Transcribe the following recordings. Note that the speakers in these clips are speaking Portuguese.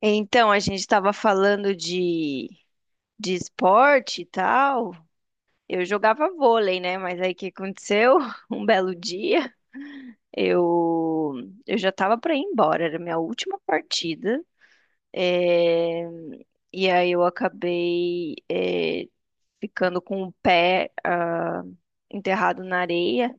Então, a gente estava falando de esporte e tal. Eu jogava vôlei, né? Mas aí o que aconteceu? Um belo dia, eu, eu já estava para ir embora, era a minha última partida. É, e aí eu acabei, ficando com o pé, enterrado na areia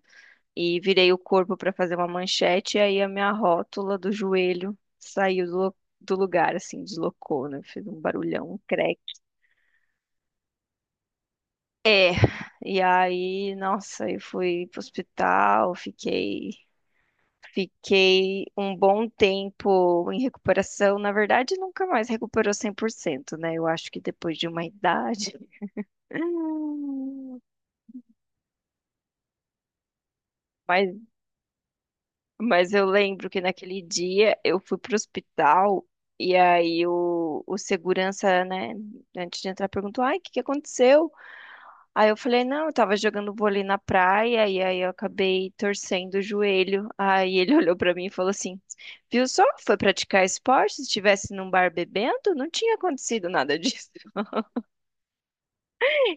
e virei o corpo para fazer uma manchete, e aí a minha rótula do joelho saiu do lugar, assim, deslocou, né? Fez um barulhão, um creque. E aí, nossa, eu fui pro hospital, fiquei um bom tempo em recuperação. Na verdade, nunca mais recuperou 100%, né? Eu acho que depois de uma idade. Mas Mas eu lembro que naquele dia eu fui pro hospital e aí o segurança, né, antes de entrar, perguntou: Ai, o que que aconteceu? Aí eu falei: Não, eu tava jogando vôlei na praia e aí eu acabei torcendo o joelho. Aí ele olhou pra mim e falou assim: Viu só? Foi praticar esporte? Se estivesse num bar bebendo, não tinha acontecido nada disso.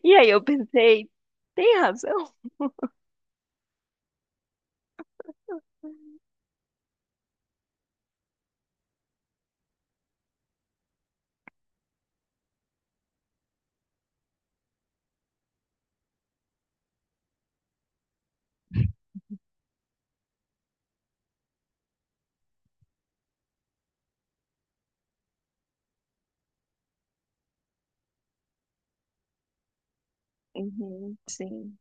E aí eu pensei: Tem razão? Uhum, sim.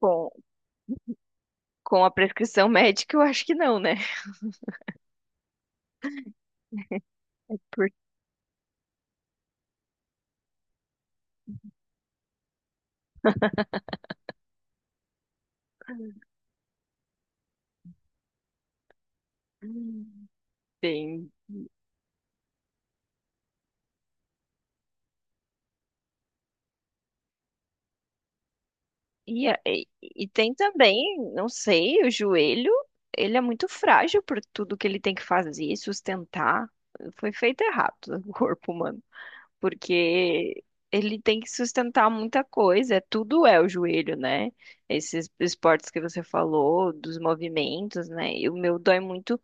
Bom, com a prescrição médica, eu acho que não, né? Hum. Tem. E tem também, não sei, o joelho, ele é muito frágil por tudo que ele tem que fazer, sustentar. Foi feito errado o corpo humano, porque ele tem que sustentar muita coisa, é tudo é o joelho, né? Esses esportes que você falou, dos movimentos, né? E o meu dói muito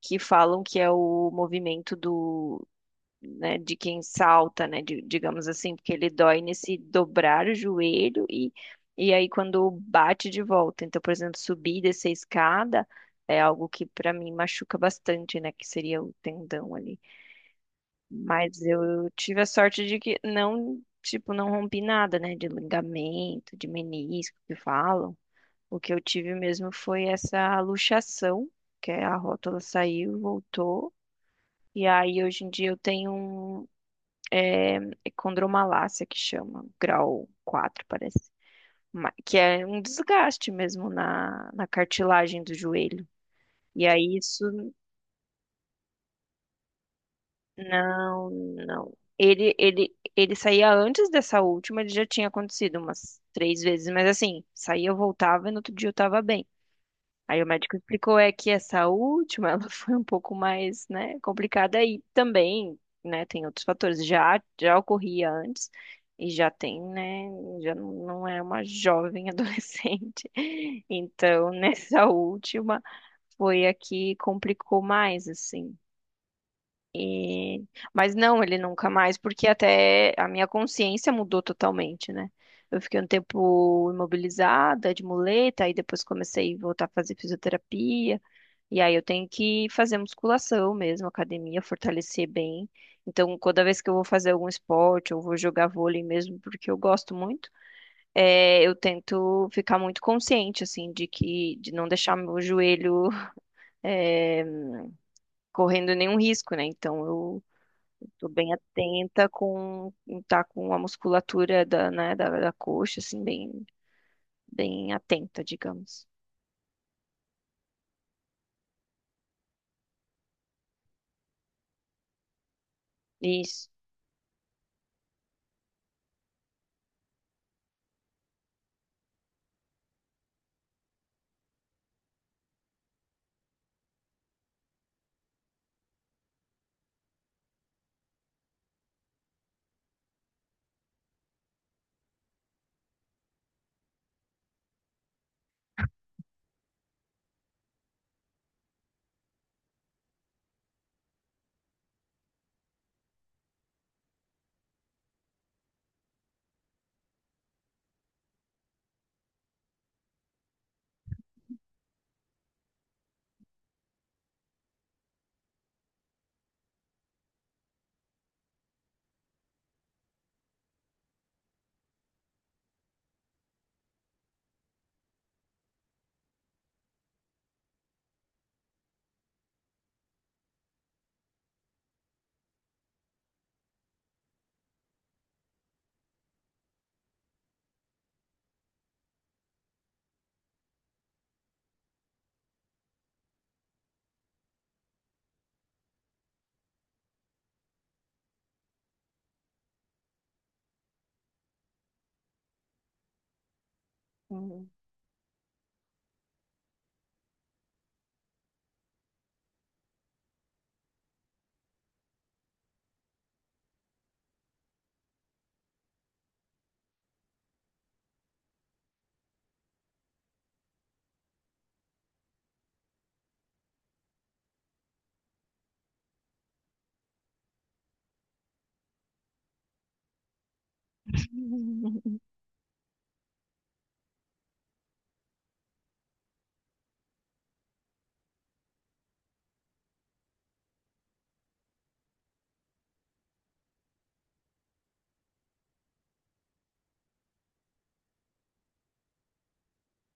que falam que é o movimento do, né, de quem salta, né, digamos assim, porque ele dói nesse dobrar o joelho e aí quando bate de volta. Então, por exemplo, subir e descer a escada é algo que para mim machuca bastante, né, que seria o tendão ali. Mas eu tive a sorte de que não, tipo, não rompi nada, né, de ligamento, de menisco que falam. O que eu tive mesmo foi essa luxação, que é a rótula saiu, voltou. E aí, hoje em dia, eu tenho um condromalácia que chama, grau 4 parece. Que é um desgaste mesmo na cartilagem do joelho. E aí isso, não, não. Ele saía antes dessa última, ele já tinha acontecido umas 3 vezes, mas assim, saía, eu voltava e no outro dia eu tava bem. Aí o médico explicou é que essa última, ela foi um pouco mais, né, complicada e também, né, tem outros fatores. Já ocorria antes e já tem, né, já não é uma jovem adolescente. Então, nessa última foi a que complicou mais, assim. E... Mas não, ele nunca mais, porque até a minha consciência mudou totalmente, né? Eu fiquei um tempo imobilizada, de muleta, aí depois comecei a voltar a fazer fisioterapia. E aí eu tenho que fazer musculação mesmo, academia, fortalecer bem. Então, toda vez que eu vou fazer algum esporte, eu vou jogar vôlei mesmo, porque eu gosto muito, eu tento ficar muito consciente, assim, de que, de não deixar meu joelho, é, correndo nenhum risco, né? Então, eu tô bem atenta com tá com a musculatura da, né, da coxa, assim, bem, bem atenta, digamos. Isso. Uhum.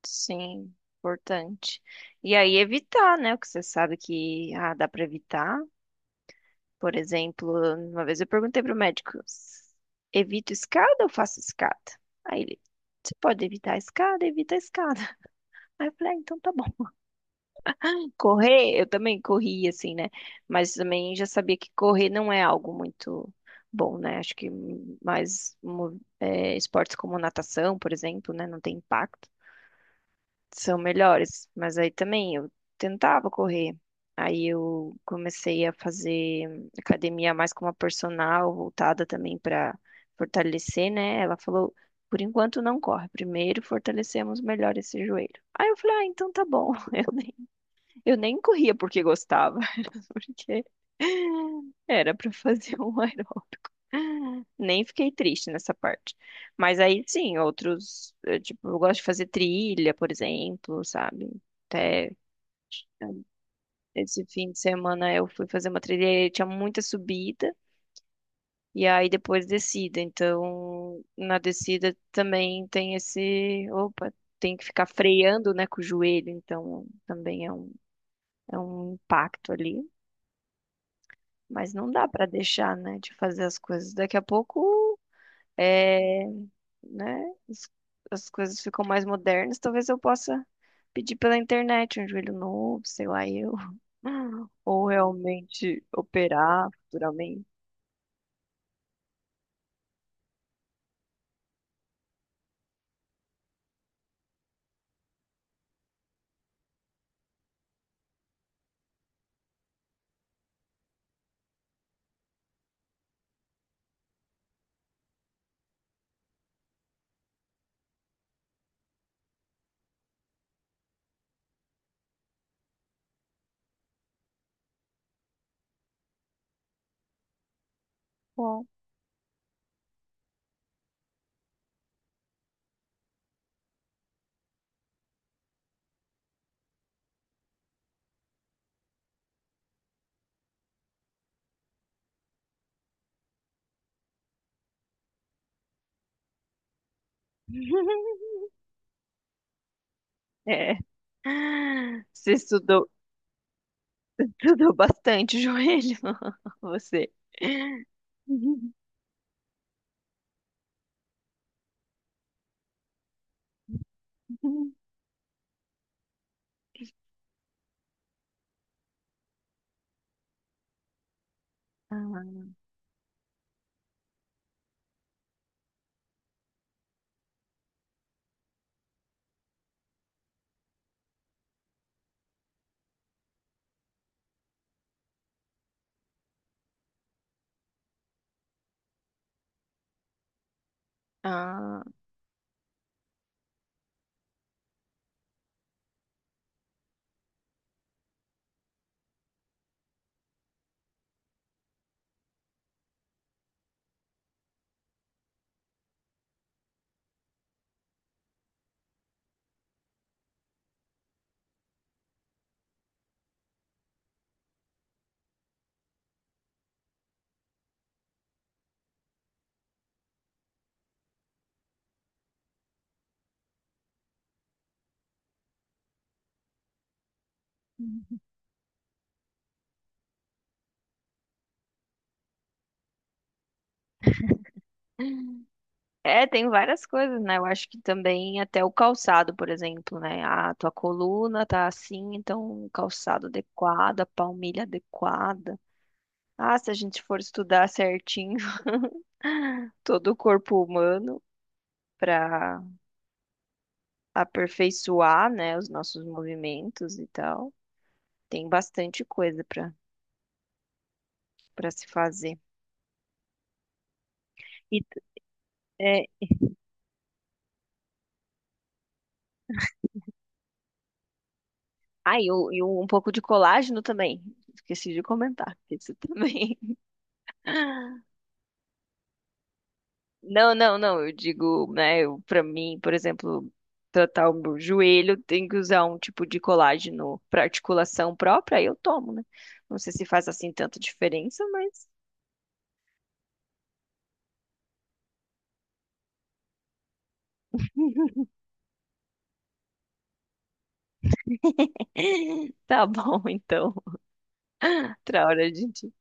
Sim, importante. E aí evitar, né? O que você sabe que dá para evitar. Por exemplo, uma vez eu perguntei para o médico, evito escada ou faço escada? Aí ele, você pode evitar a escada, evita a escada. Aí eu falei, ah, então tá bom. Correr, eu também corri, assim, né? Mas também já sabia que correr não é algo muito bom, né? Acho que esportes como natação, por exemplo, né? Não tem impacto, são melhores. Mas aí também eu tentava correr. Aí eu comecei a fazer academia mais com uma personal, voltada também para fortalecer, né? Ela falou, por enquanto não corre, primeiro fortalecemos melhor esse joelho. Aí eu falei, ah, então tá bom. Eu nem corria porque gostava, era porque era pra fazer um aeróbico. Nem fiquei triste nessa parte. Mas aí sim, outros, eu, tipo, eu gosto de fazer trilha, por exemplo, sabe? Até esse fim de semana eu fui fazer uma trilha e tinha muita subida e aí depois descida. Então, na descida também tem esse, opa, tem que ficar freando, né, com o joelho, então também é um impacto ali. Mas não dá para deixar, né, de fazer as coisas. Daqui a pouco, é, né, as coisas ficam mais modernas. Talvez eu possa pedir pela internet um joelho novo, sei lá, eu. Ou realmente operar futuramente. Bom, é. Você estudou, estudou bastante joelho, você. Ah, ah. É, tem várias coisas, né? Eu acho que também até o calçado, por exemplo, né? A tua coluna tá assim, então o calçado adequado, a palmilha adequada. Ah, se a gente for estudar certinho todo o corpo humano para aperfeiçoar, né, os nossos movimentos e tal, tem bastante coisa para se fazer. E é, e um pouco de colágeno também. Esqueci de comentar isso também. Não, não, não. Eu digo, né, eu, pra mim, por exemplo, tratar o meu joelho, tem que usar um tipo de colágeno pra articulação própria, aí eu tomo, né? Não sei se faz assim tanta diferença, mas tá bom, então. Outra hora a gente